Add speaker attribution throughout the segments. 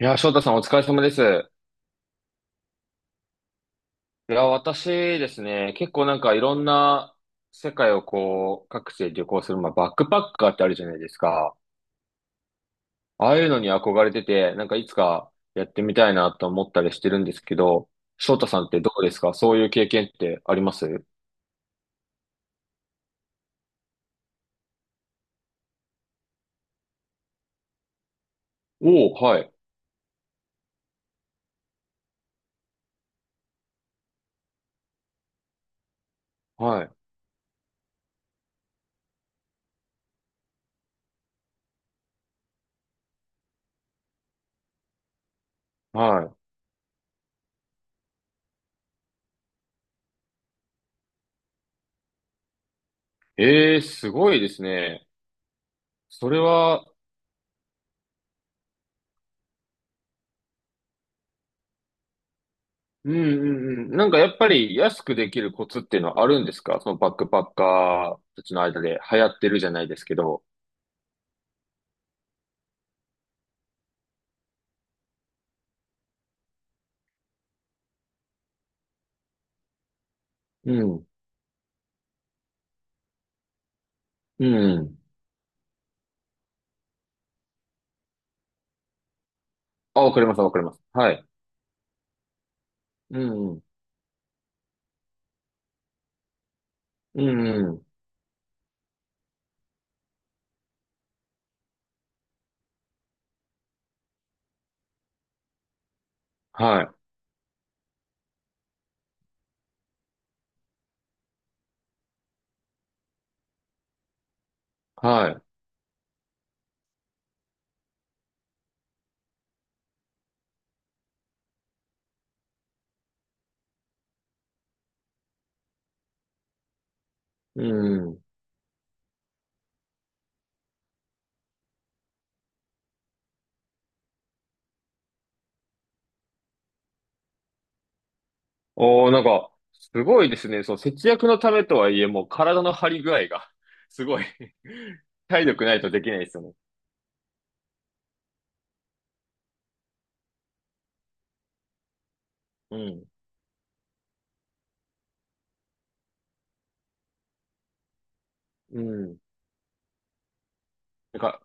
Speaker 1: いやー、翔太さんお疲れ様です。いやー、私ですね、結構いろんな世界をこう、各地で旅行する、まあ、バックパッカーってあるじゃないですか。ああいうのに憧れてて、いつかやってみたいなと思ったりしてるんですけど、翔太さんってどうですか、そういう経験ってあります？おおー、はい、はい、はい。ええー、すごいですね。それは、うんうんうん。やっぱり安くできるコツっていうのはあるんですか、そのバックパッカーたちの間で流行ってるじゃないですけど。うん。うん。あ、わかります、わかります。はい。うん。うん。うん、はい。はい。うん。おー、なんか、すごいですね。そう、節約のためとはいえ、もう体の張り具合が、すごい。 体力ないとできないですよね。うん。うん。なんか、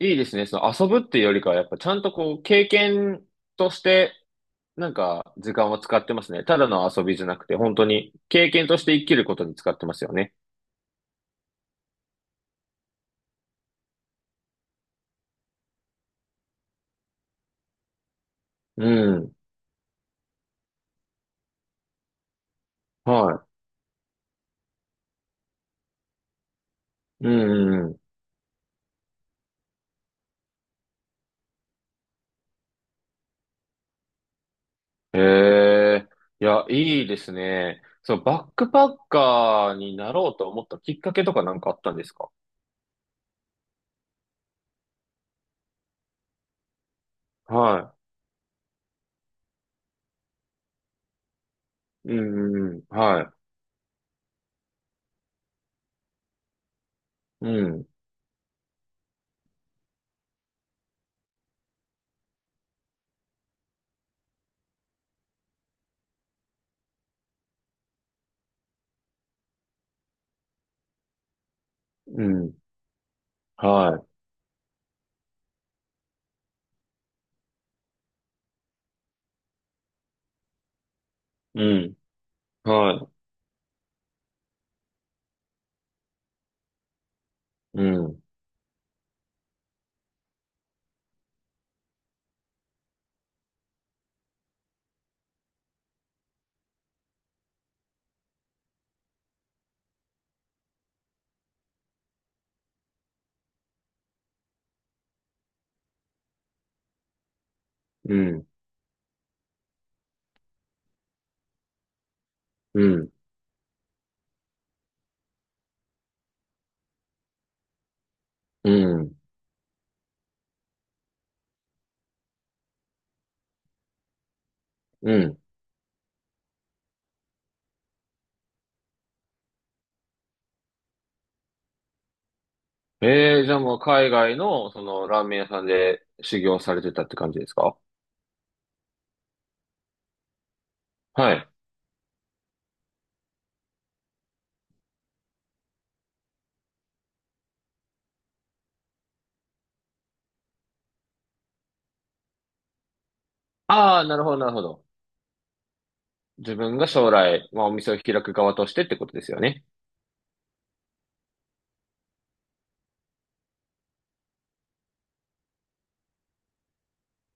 Speaker 1: いいですね。その遊ぶっていうよりかは、やっぱちゃんとこう、経験として、なんか、時間を使ってますね。ただの遊びじゃなくて、本当に、経験として生きることに使ってますよね。うん。はい。うん。ええ、いや、いいですね。そのバックパッカーになろうと思ったきっかけとかあったんですか？はい。うん、うん、はい。うん、うん、はい。うん、はい。うん、うん、うん、うん、うん。ええ、じゃあもう海外のそのラーメン屋さんで修行されてたって感じですか？はい。ああ、なるほど、なるほど。自分が将来、まあお店を開く側としてってことですよね。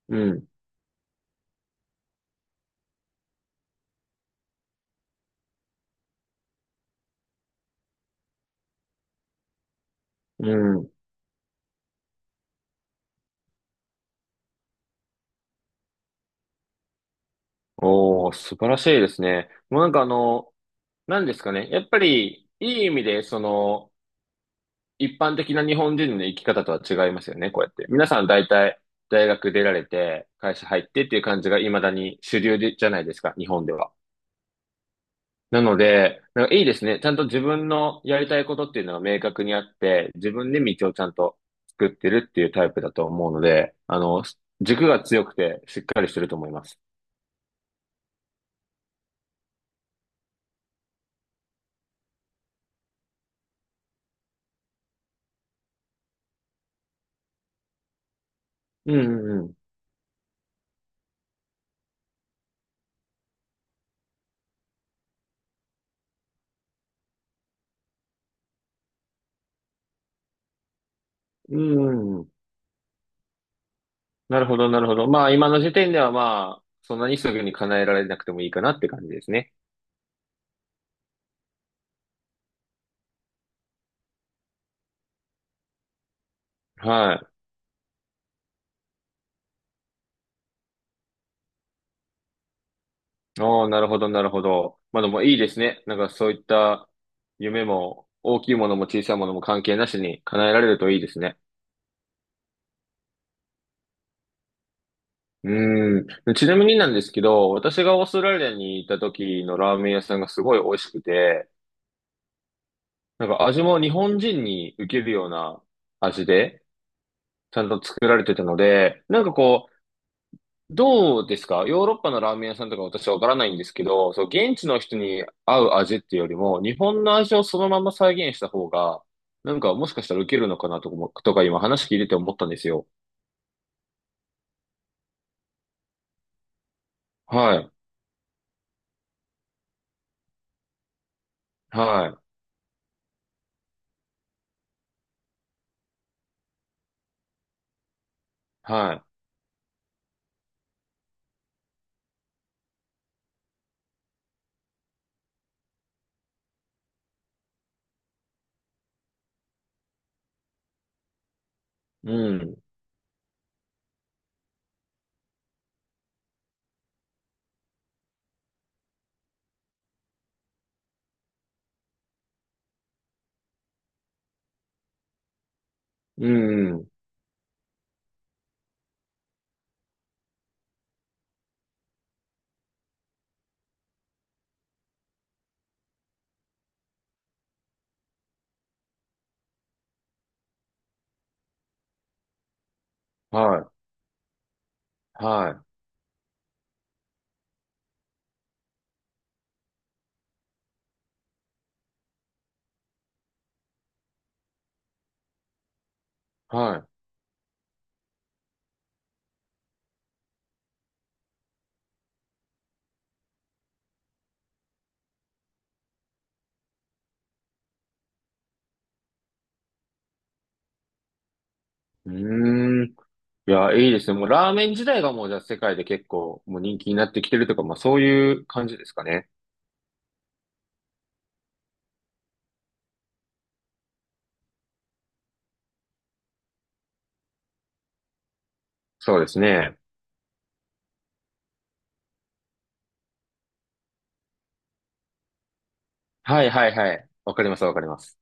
Speaker 1: うん、うん、おー、素晴らしいですね。もうあの、なんですかね。やっぱり、いい意味で、その、一般的な日本人の生き方とは違いますよね、こうやって。皆さん大体、大学出られて、会社入ってっていう感じが未だに主流で、じゃないですか、日本では。なので、なんかいいですね。ちゃんと自分のやりたいことっていうのが明確にあって、自分で道をちゃんと作ってるっていうタイプだと思うので、あの、軸が強くてしっかりしてると思います。うんうんうん。うんうんうん、なるほど、なるほど。まあ、今の時点ではまあ、そんなにすぐに叶えられなくてもいいかなって感じですね。はい。ああ、なるほど、なるほど。まあでもいいですね。なんかそういった夢も、大きいものも小さいものも関係なしに叶えられるといいですね。うん。ちなみになんですけど、私がオーストラリアに行った時のラーメン屋さんがすごい美味しくて、なんか味も日本人に受けるような味で、ちゃんと作られてたので、なんかこう、どうですか、ヨーロッパのラーメン屋さんとか私はわからないんですけど、そう、現地の人に合う味っていうよりも、日本の味をそのまま再現した方が、もしかしたら受けるのかなとかも、とか今話聞いてて思ったんですよ。はい。はい。はい。うん。うん。はい。はい。はい。うーん。いや、いいですね。もうラーメン自体がもうじゃあ世界で結構もう人気になってきてるとか、まあそういう感じですかね。そうですね。はいはいはい。わかります、わかります。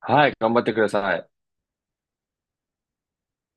Speaker 1: はい。頑張ってください。